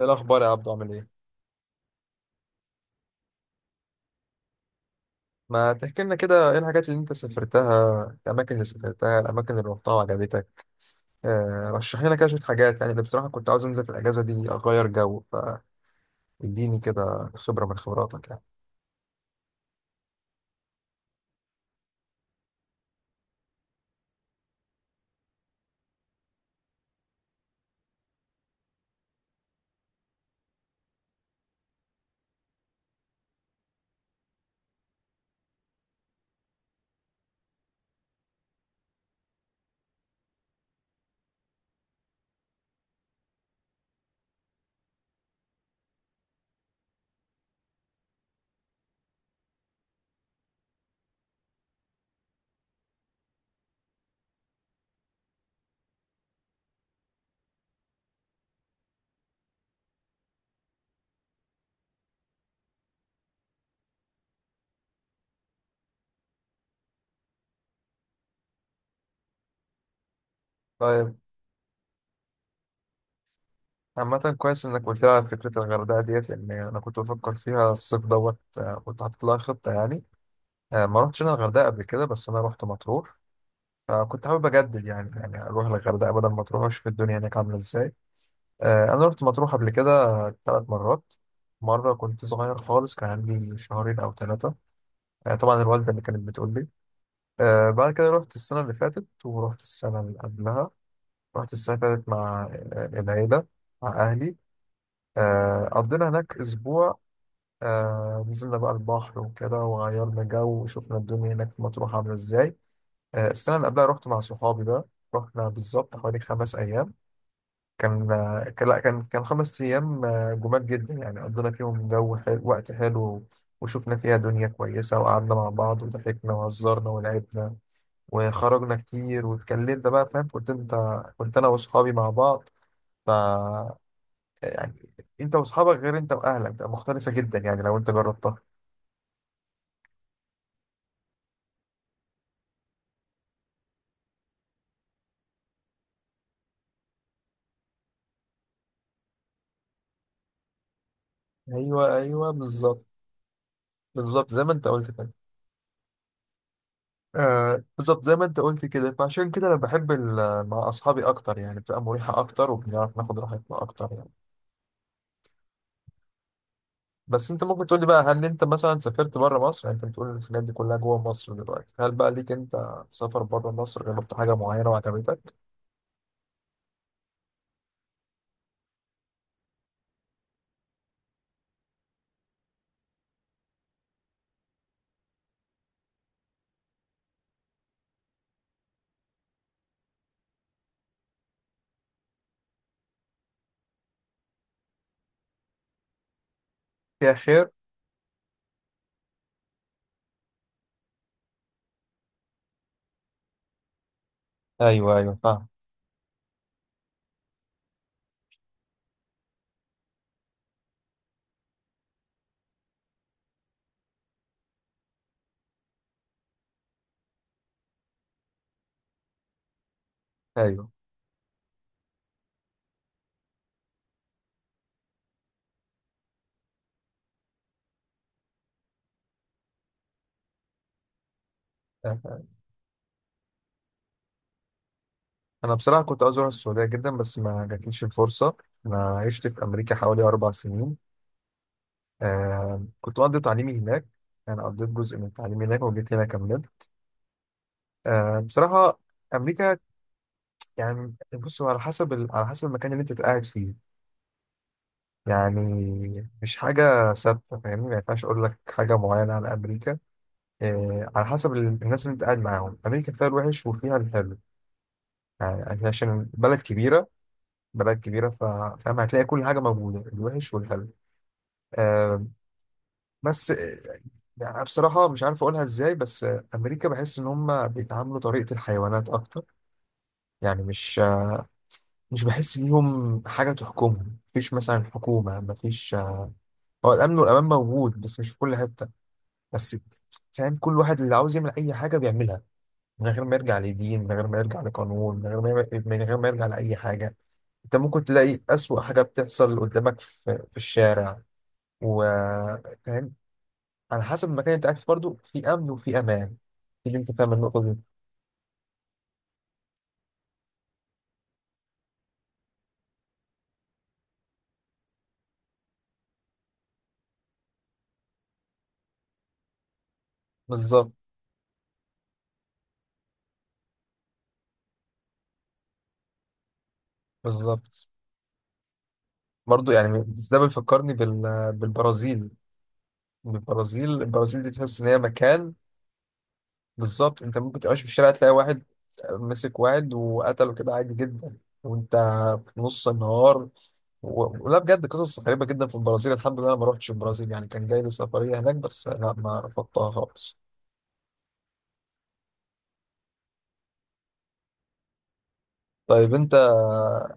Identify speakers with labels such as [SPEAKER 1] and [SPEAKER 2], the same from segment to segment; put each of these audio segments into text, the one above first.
[SPEAKER 1] ايه الاخبار يا عبدو، عامل ايه؟ ما تحكي لنا كده، ايه الحاجات اللي انت سافرتها، الاماكن اللي سافرتها، الاماكن اللي روحتها وعجبتك؟ رشح لنا كده شويه حاجات. يعني انا بصراحه كنت عاوز انزل في الاجازه دي اغير جو. فاديني كده خبره من خبراتك يعني. طيب. عامة كويس انك قلت لي، على فكرة الغردقة ديت، لان انا كنت بفكر فيها الصيف دوت. كنت حاطط لها خطة يعني. ما رحتش انا الغردقة قبل كده، بس انا رحت مطروح. فكنت حابب اجدد يعني، اروح الغردقة بدل ما تروح اشوف الدنيا هناك عاملة ازاي. أنا رحت مطروح قبل كده 3 مرات. مرة كنت صغير خالص، كان عندي شهرين أو ثلاثة. طبعا الوالدة اللي كانت بتقول لي. بعد كده رحت السنة اللي فاتت ورحت السنة اللي قبلها. رحت السنة اللي فاتت مع العيلة، مع أهلي. قضينا هناك أسبوع. نزلنا بقى البحر وكده وغيرنا جو وشفنا الدنيا هناك في مطروح عاملة إزاي. السنة اللي قبلها رحت مع صحابي بقى. رحنا بالظبط حوالي 5 أيام. كان آه، كان- لا كان كان 5 أيام. جمال جدا، يعني قضينا فيهم جو حلو، وقت حلو. وشفنا فيها دنيا كويسة، وقعدنا مع بعض وضحكنا وهزرنا ولعبنا وخرجنا كتير واتكلمنا بقى، فاهم؟ كنت انت، كنت انا واصحابي مع بعض. ف يعني انت واصحابك غير انت واهلك، بتبقى مختلفة جدا، يعني لو انت جربتها. ايوه، ايوه، بالظبط. بالظبط زي ما انت قلت كده. آه، بالظبط زي ما انت قلت كده، فعشان كده انا بحب مع اصحابي اكتر، يعني بتبقى مريحة اكتر، وبنعرف ناخد راحتنا اكتر يعني. بس انت ممكن تقول لي بقى، هل انت مثلا سافرت بره مصر؟ يعني انت بتقول الحاجات دي كلها جوه مصر، دلوقتي هل بقى ليك انت سفر بره مصر، جربت حاجه معينه وعجبتك؟ فيها خير. ايوه، ايوه، فاهم. ايوه، انا بصراحه كنت عاوز اروح السعوديه جدا، بس ما جاتليش الفرصه. انا عشت في امريكا حوالي 4 سنين. كنت مقضي تعليمي هناك. انا قضيت جزء من تعليمي هناك وجيت هنا كملت. بصراحه، امريكا، يعني بص، هو على حسب على حسب المكان اللي انت قاعد فيه. يعني مش حاجة ثابتة، فاهمني؟ ما ينفعش أقول لك حاجة معينة على أمريكا. إيه، على حسب الناس اللي أنت قاعد معاهم. أمريكا فيها الوحش وفيها الحلو، يعني عشان بلد كبيرة. بلد كبيرة فاهم هتلاقي كل حاجة موجودة، الوحش والحلو. آه بس، يعني أنا بصراحة مش عارف أقولها إزاي، بس أمريكا بحس إن هم بيتعاملوا طريقة الحيوانات أكتر. يعني مش بحس ليهم حاجة تحكمهم. مفيش مثلا حكومة، مفيش. هو الأمن والأمان موجود، بس مش في كل حتة. بس فاهم، كل واحد اللي عاوز يعمل اي حاجه بيعملها، من غير ما يرجع لدين، من غير ما يرجع لقانون، من غير ما يرجع لاي حاجه. انت ممكن تلاقي اسوأ حاجه بتحصل قدامك في الشارع، وفاهم على حسب المكان اللي انت قاعد فيه برضه، في امن وفي امان. تيجي انت فاهم النقطه دي؟ بالظبط، بالظبط برضه يعني. ده بيفكرني بالبرازيل. البرازيل دي تحس ان هي مكان، بالظبط انت ممكن تبقاش في الشارع تلاقي واحد مسك واحد وقتله كده عادي جدا، وانت في نص النهار. لا، بجد قصص غريبة جدا في البرازيل. الحمد لله انا ما روحتش البرازيل، يعني كان جاي لي سفرية هناك، بس لا، ما رفضتها خالص. طيب انت،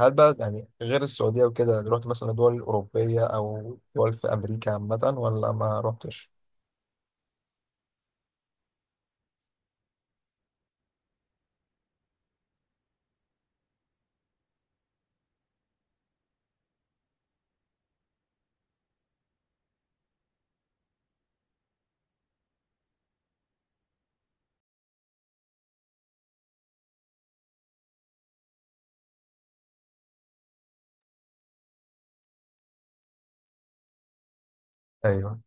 [SPEAKER 1] هل بقى يعني غير السعودية وكده رحت مثلا دول أوروبية أو دول في أمريكا عامة، ولا ما رحتش؟ ايوه.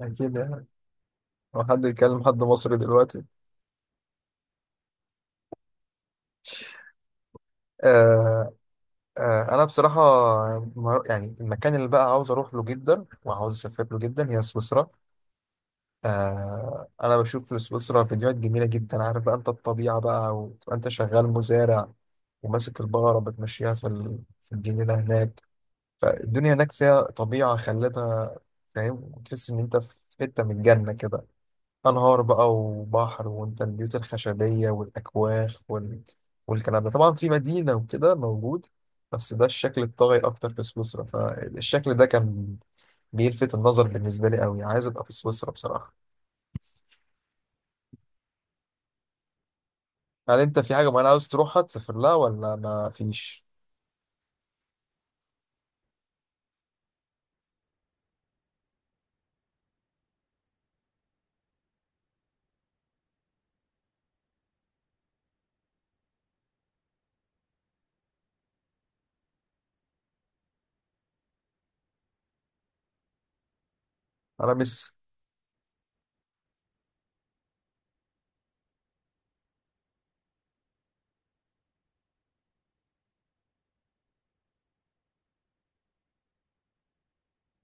[SPEAKER 1] اكيد يعني، لو حد يتكلم حد مصري دلوقتي. آه انا بصراحه يعني المكان اللي بقى عاوز اروح له جدا وعاوز اسافر له جدا هي سويسرا. انا بشوف لسويسرا فيديوهات جميله جدا، عارف بقى انت الطبيعه بقى، وتبقى انت شغال مزارع وماسك البقره بتمشيها في الجنينه هناك. فالدنيا هناك فيها طبيعه خلابه، فاهم، وتحس ان انت في حته من الجنه كده. أنهار بقى وبحر، وأنت البيوت الخشبية والأكواخ والكلام ده طبعا في مدينة وكده موجود، بس ده الشكل الطاغي أكتر في سويسرا. فالشكل ده كان بيلفت النظر بالنسبة لي أوي، عايز أبقى في سويسرا بصراحة. هل أنت في حاجة معينة عاوز تروحها، تسافر لها ولا ما فيش؟ أنا لسه.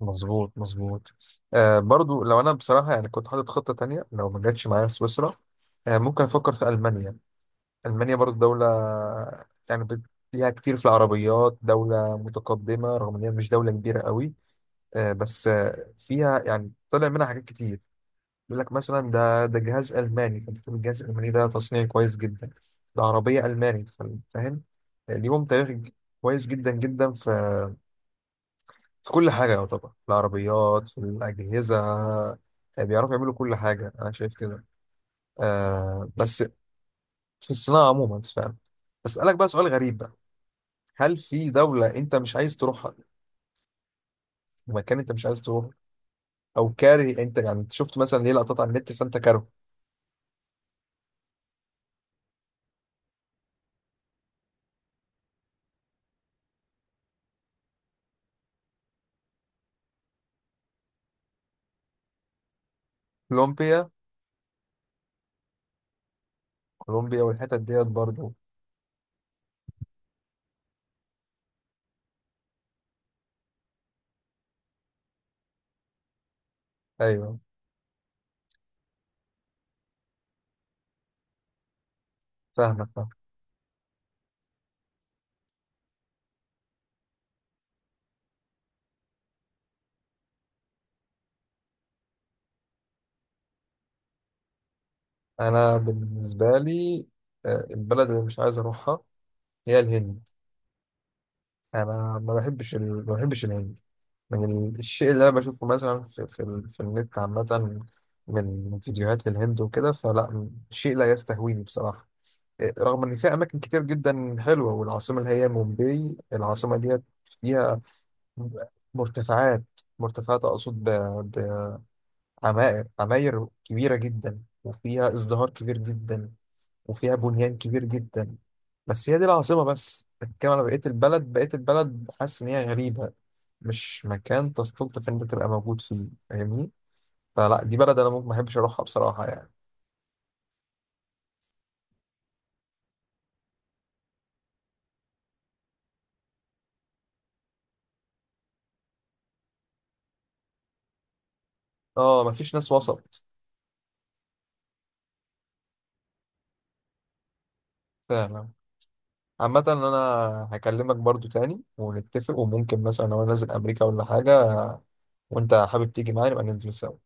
[SPEAKER 1] مظبوط، مظبوط. برضو لو أنا بصراحة يعني كنت حاطط خطة تانية لو ما جاتش معايا سويسرا، ممكن أفكر في ألمانيا. ألمانيا برضه دولة، يعني ليها كتير في العربيات، دولة متقدمة رغم إن هي مش دولة كبيرة قوي. بس، فيها يعني طلع منها حاجات كتير. يقول لك مثلا ده جهاز ألماني، فأنت تقول الجهاز الألماني ده تصنيع كويس جدا. ده عربية ألماني، فاهم. ليهم تاريخ كويس جدا جدا، في في كل حاجة يعتبر، في العربيات، في الأجهزة، بيعرفوا يعملوا كل حاجة، أنا شايف كده. بس في الصناعة عموما فاهم. بسألك بقى سؤال غريب بقى، هل في دولة أنت مش عايز تروحها، مكان أنت مش عايز تروحه، أو كاره؟ أنت يعني أنت شفت مثلا ليه لقطات على النت، فأنت كاره. كولومبيا، كولومبيا والحتت ديت برضو. أيوه، فاهمك، فاهم. أنا بالنسبة لي، البلد اللي مش عايز أروحها هي الهند. أنا ما بحبش الهند. من الشيء اللي أنا بشوفه مثلا في النت عامة، من فيديوهات للهند وكده، فلا شيء لا يستهويني بصراحة. رغم ان فيها اماكن كتير جدا حلوه، والعاصمه اللي هي مومباي، العاصمه ديت فيها مرتفعات، مرتفعات اقصد بعماير، عماير كبيره جدا، وفيها ازدهار كبير جدا، وفيها بنيان كبير جدا. بس هي دي العاصمه بس، بتتكلم على بقيه البلد، بقيه البلد حاسس ان هي غريبه، مش مكان تستلطف ان انت تبقى موجود فيه، فاهمني؟ فلا دي بلد انا ممكن ما احبش اروحها بصراحه يعني. اه، مفيش ناس وسط. فعلا. عامة انا هكلمك برضو تاني ونتفق، وممكن مثلا لو انا نازل امريكا ولا حاجة وانت حابب تيجي معايا، نبقى ننزل سوا.